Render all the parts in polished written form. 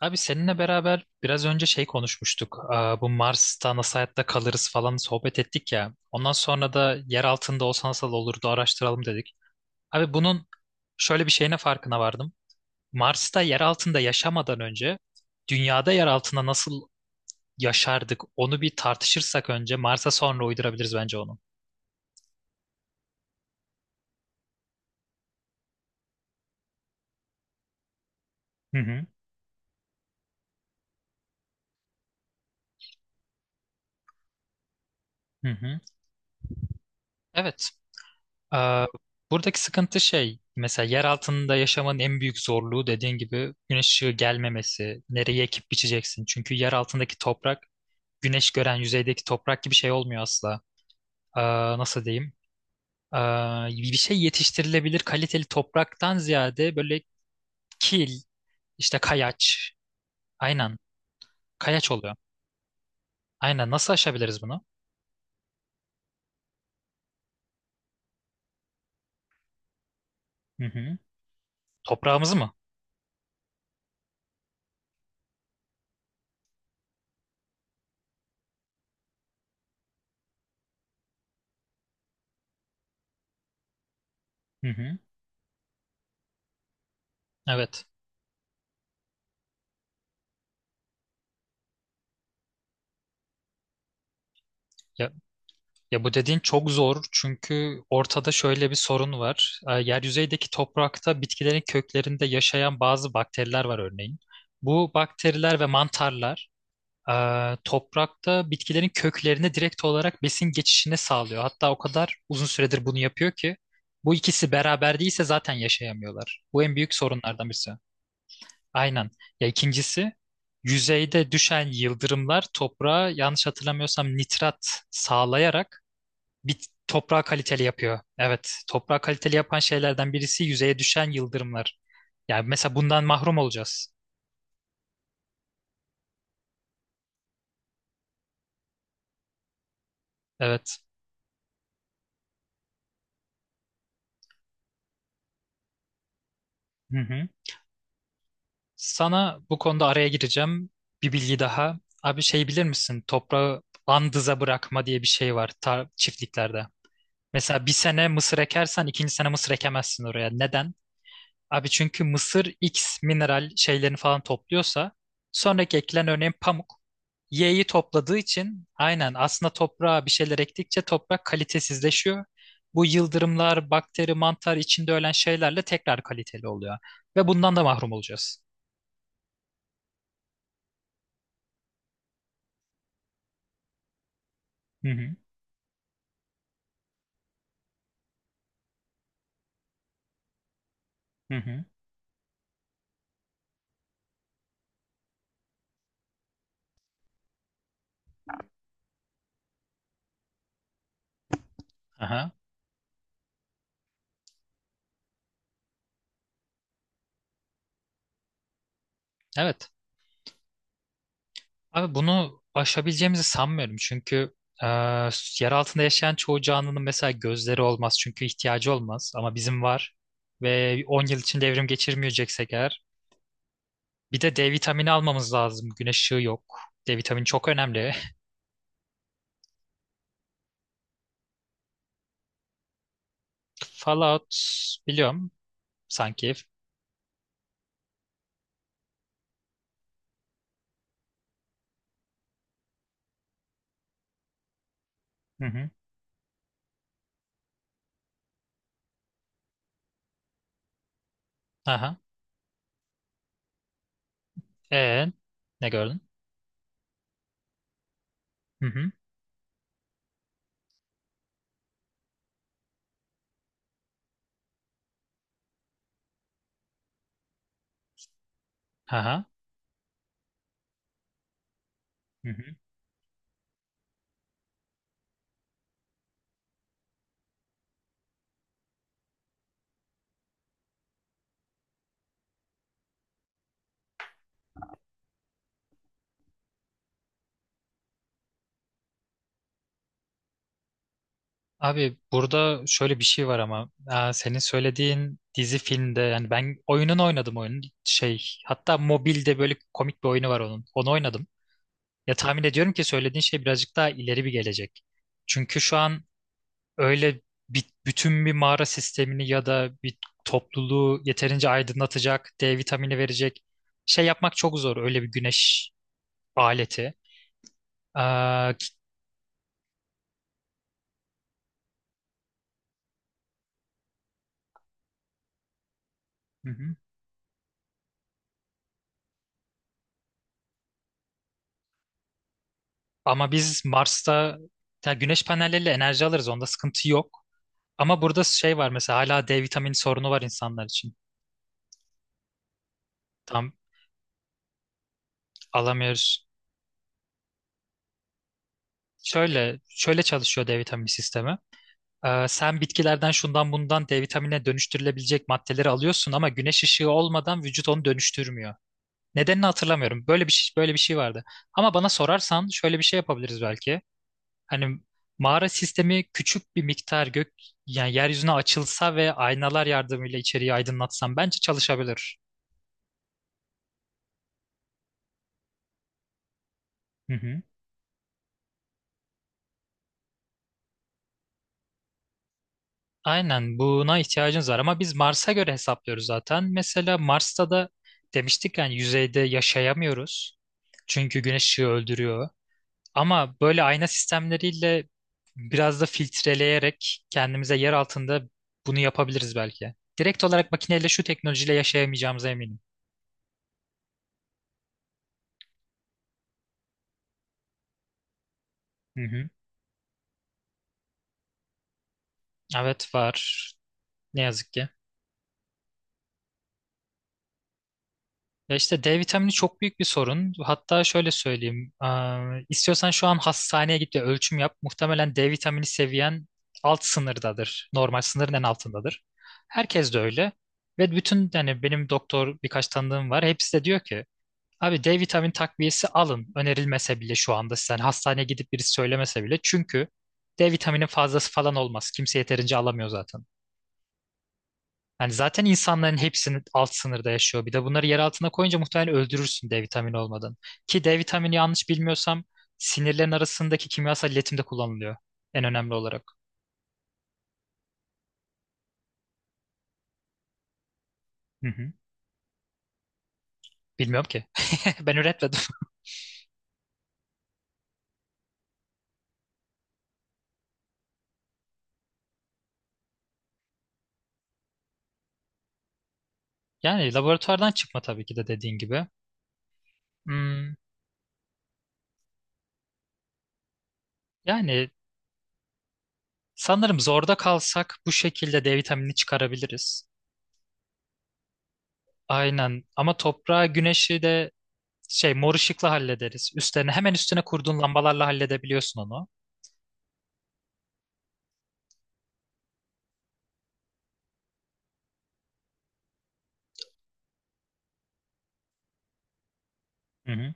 Abi seninle beraber biraz önce şey konuşmuştuk. Bu Mars'ta nasıl hayatta kalırız falan sohbet ettik ya. Ondan sonra da yer altında olsa nasıl olurdu araştıralım dedik. Abi bunun şöyle bir şeyine farkına vardım. Mars'ta yer altında yaşamadan önce dünyada yer altında nasıl yaşardık onu bir tartışırsak önce Mars'a sonra uydurabiliriz bence onu. Hı hı. Hı hı. Evet. Ee, Buradaki sıkıntı şey, mesela yer altında yaşamanın en büyük zorluğu dediğin gibi güneş ışığı gelmemesi, nereye ekip biçeceksin. Çünkü yer altındaki toprak, güneş gören yüzeydeki toprak gibi şey olmuyor asla. Ee, Nasıl diyeyim? Bir şey yetiştirilebilir kaliteli topraktan ziyade böyle kil, işte kayaç, aynen kayaç oluyor. Aynen nasıl aşabiliriz bunu? Hı hı. Toprağımızı mı? Hı hı. Evet. Ya bu dediğin çok zor çünkü ortada şöyle bir sorun var. Yer yüzeydeki toprakta bitkilerin köklerinde yaşayan bazı bakteriler var örneğin. Bu bakteriler ve mantarlar e, toprakta bitkilerin köklerine direkt olarak besin geçişini sağlıyor. Hatta o kadar uzun süredir bunu yapıyor ki bu ikisi beraber değilse zaten yaşayamıyorlar. Bu en büyük sorunlardan birisi. Aynen. Ya ikincisi yüzeyde düşen yıldırımlar toprağa yanlış hatırlamıyorsam nitrat sağlayarak bit toprağı kaliteli yapıyor. Evet, toprağı kaliteli yapan şeylerden birisi yüzeye düşen yıldırımlar. Yani mesela bundan mahrum olacağız. Evet. Hı hı. Sana bu konuda araya gireceğim. Bir bilgi daha. Abi şey bilir misin? Toprağı andıza bırakma diye bir şey var tar çiftliklerde. Mesela bir sene mısır ekersen ikinci sene mısır ekemezsin oraya. Neden? Abi çünkü mısır X mineral şeylerini falan topluyorsa sonraki ekilen örneğin pamuk Y'yi topladığı için aynen aslında toprağa bir şeyler ektikçe toprak kalitesizleşiyor. Bu yıldırımlar, bakteri, mantar içinde ölen şeylerle tekrar kaliteli oluyor. Ve bundan da mahrum olacağız. Hı hı, hı hı, aha. Evet. Abi bunu aşabileceğimizi sanmıyorum çünkü e, yer altında yaşayan çoğu canlının mesela gözleri olmaz çünkü ihtiyacı olmaz ama bizim var ve 10 yıl içinde evrim geçirmeyeceksek eğer bir de D vitamini almamız lazım güneş ışığı yok, D vitamini çok önemli. Fallout biliyorum sanki. Hı hı. Aha. E, ne gördün? Hı hı. Aha. Hı hı. Abi burada şöyle bir şey var ama senin söylediğin dizi filmde yani ben oyunun oynadım oyunun şey hatta mobilde böyle komik bir oyunu var onun onu oynadım. Ya tahmin ediyorum ki söylediğin şey birazcık daha ileri bir gelecek. Çünkü şu an öyle bi- bütün bir mağara sistemini ya da bir topluluğu yeterince aydınlatacak, D vitamini verecek şey yapmak çok zor öyle bir güneş aleti. Aa, ki- hı hı. Ama biz Mars'ta ya güneş panelleriyle enerji alırız onda sıkıntı yok. Ama burada şey var mesela hala D vitamini sorunu var insanlar için. Tam alamıyoruz. Şöyle şöyle çalışıyor D vitamini sistemi. Sen bitkilerden şundan bundan D vitamine dönüştürülebilecek maddeleri alıyorsun ama güneş ışığı olmadan vücut onu dönüştürmüyor. Nedenini hatırlamıyorum. Böyle bir şey, böyle bir şey vardı. Ama bana sorarsan şöyle bir şey yapabiliriz belki. Hani mağara sistemi küçük bir miktar gök yani yeryüzüne açılsa ve aynalar yardımıyla içeriği aydınlatsam bence çalışabilir. Hı hı. Aynen buna ihtiyacınız var ama biz Mars'a göre hesaplıyoruz zaten. Mesela Mars'ta da demiştik yani yüzeyde yaşayamıyoruz. Çünkü güneş ışığı öldürüyor. Ama böyle ayna sistemleriyle biraz da filtreleyerek kendimize yer altında bunu yapabiliriz belki. Direkt olarak makineyle şu teknolojiyle yaşayamayacağımıza eminim. Hı hı. Evet var. Ne yazık ki. Ya işte D vitamini çok büyük bir sorun. Hatta şöyle söyleyeyim. İstiyorsan şu an hastaneye git ve ölçüm yap. Muhtemelen D vitamini seviyen alt sınırdadır. Normal sınırın en altındadır. Herkes de öyle. Ve bütün yani benim doktor birkaç tanıdığım var. Hepsi de diyor ki abi D vitamini takviyesi alın. Önerilmese bile şu anda sen hastaneye gidip birisi söylemese bile. Çünkü D vitamini fazlası falan olmaz. Kimse yeterince alamıyor zaten. Yani zaten insanların hepsinin alt sınırda yaşıyor. Bir de bunları yer altına koyunca muhtemelen öldürürsün D vitamini olmadan. Ki D vitamini yanlış bilmiyorsam sinirlerin arasındaki kimyasal iletimde kullanılıyor. En önemli olarak. Hı hı. Bilmiyorum ki. Ben üretmedim. Yani laboratuvardan çıkma tabii ki de dediğin gibi. Hmm, yani sanırım zorda kalsak bu şekilde D vitaminini çıkarabiliriz. Aynen. Ama toprağı, güneşi de şey mor ışıkla hallederiz. Üstlerine hemen üstüne kurduğun lambalarla halledebiliyorsun onu. Hı hı.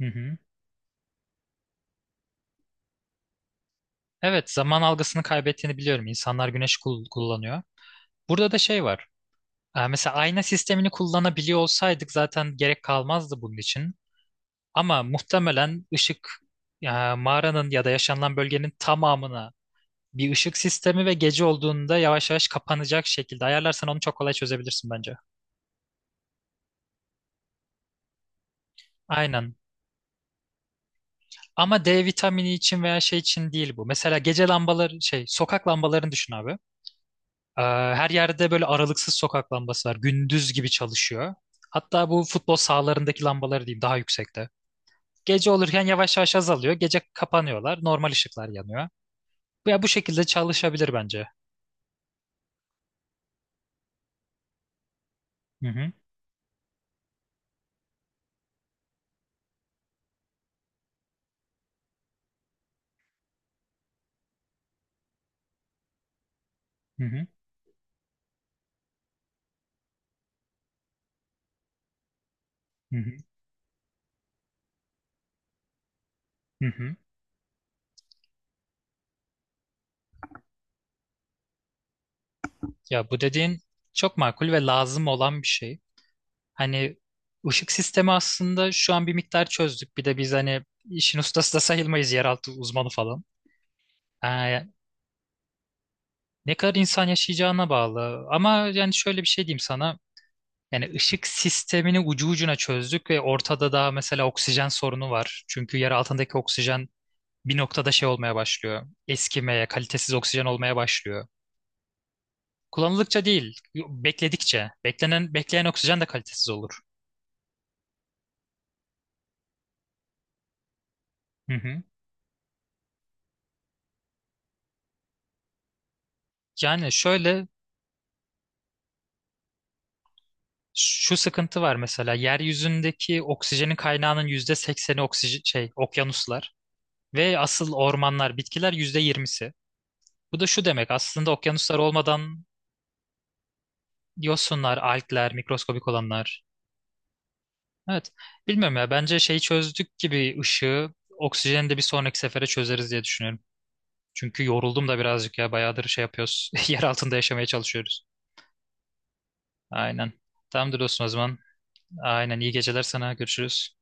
Hı hı. Evet, zaman algısını kaybettiğini biliyorum. İnsanlar güneş kul- kullanıyor. Burada da şey var. Mesela ayna sistemini kullanabiliyor olsaydık zaten gerek kalmazdı bunun için. Ama muhtemelen ışık e, mağaranın ya da yaşanılan bölgenin tamamına bir ışık sistemi ve gece olduğunda yavaş yavaş kapanacak şekilde ayarlarsan onu çok kolay çözebilirsin bence. Aynen. Ama D vitamini için veya şey için değil bu. Mesela gece lambaları şey sokak lambalarını düşün abi. Ee, Her yerde böyle aralıksız sokak lambası var. Gündüz gibi çalışıyor. Hatta bu futbol sahalarındaki lambaları diyeyim daha yüksekte. Gece olurken yavaş yavaş azalıyor. Gece kapanıyorlar. Normal ışıklar yanıyor. Ya bu şekilde çalışabilir bence. Hı hı, hı hı, hı hı, hı hı. Ya bu dediğin çok makul ve lazım olan bir şey. Hani ışık sistemi aslında şu an bir miktar çözdük. Bir de biz hani işin ustası da sayılmayız yeraltı uzmanı falan. Ee, Ne kadar insan yaşayacağına bağlı. Ama yani şöyle bir şey diyeyim sana. Yani ışık sistemini ucu ucuna çözdük ve ortada da mesela oksijen sorunu var. Çünkü yer altındaki oksijen bir noktada şey olmaya başlıyor. Eskimeye, kalitesiz oksijen olmaya başlıyor. Kullanıldıkça değil, bekledikçe. Beklenen, bekleyen oksijen de kalitesiz olur. Hı hı. Yani şöyle şu sıkıntı var mesela yeryüzündeki oksijenin kaynağının %80 oksijen şey okyanuslar ve asıl ormanlar bitkiler %20. Bu da şu demek aslında okyanuslar olmadan Yosunlar, algler, mikroskobik olanlar. Evet. Bilmiyorum ya. Bence şeyi çözdük gibi ışığı, oksijeni de bir sonraki sefere çözeriz diye düşünüyorum. Çünkü yoruldum da birazcık ya. Bayağıdır şey yapıyoruz. Yer altında yaşamaya çalışıyoruz. Aynen. Tamamdır dostum o zaman. Aynen. İyi geceler sana. Görüşürüz.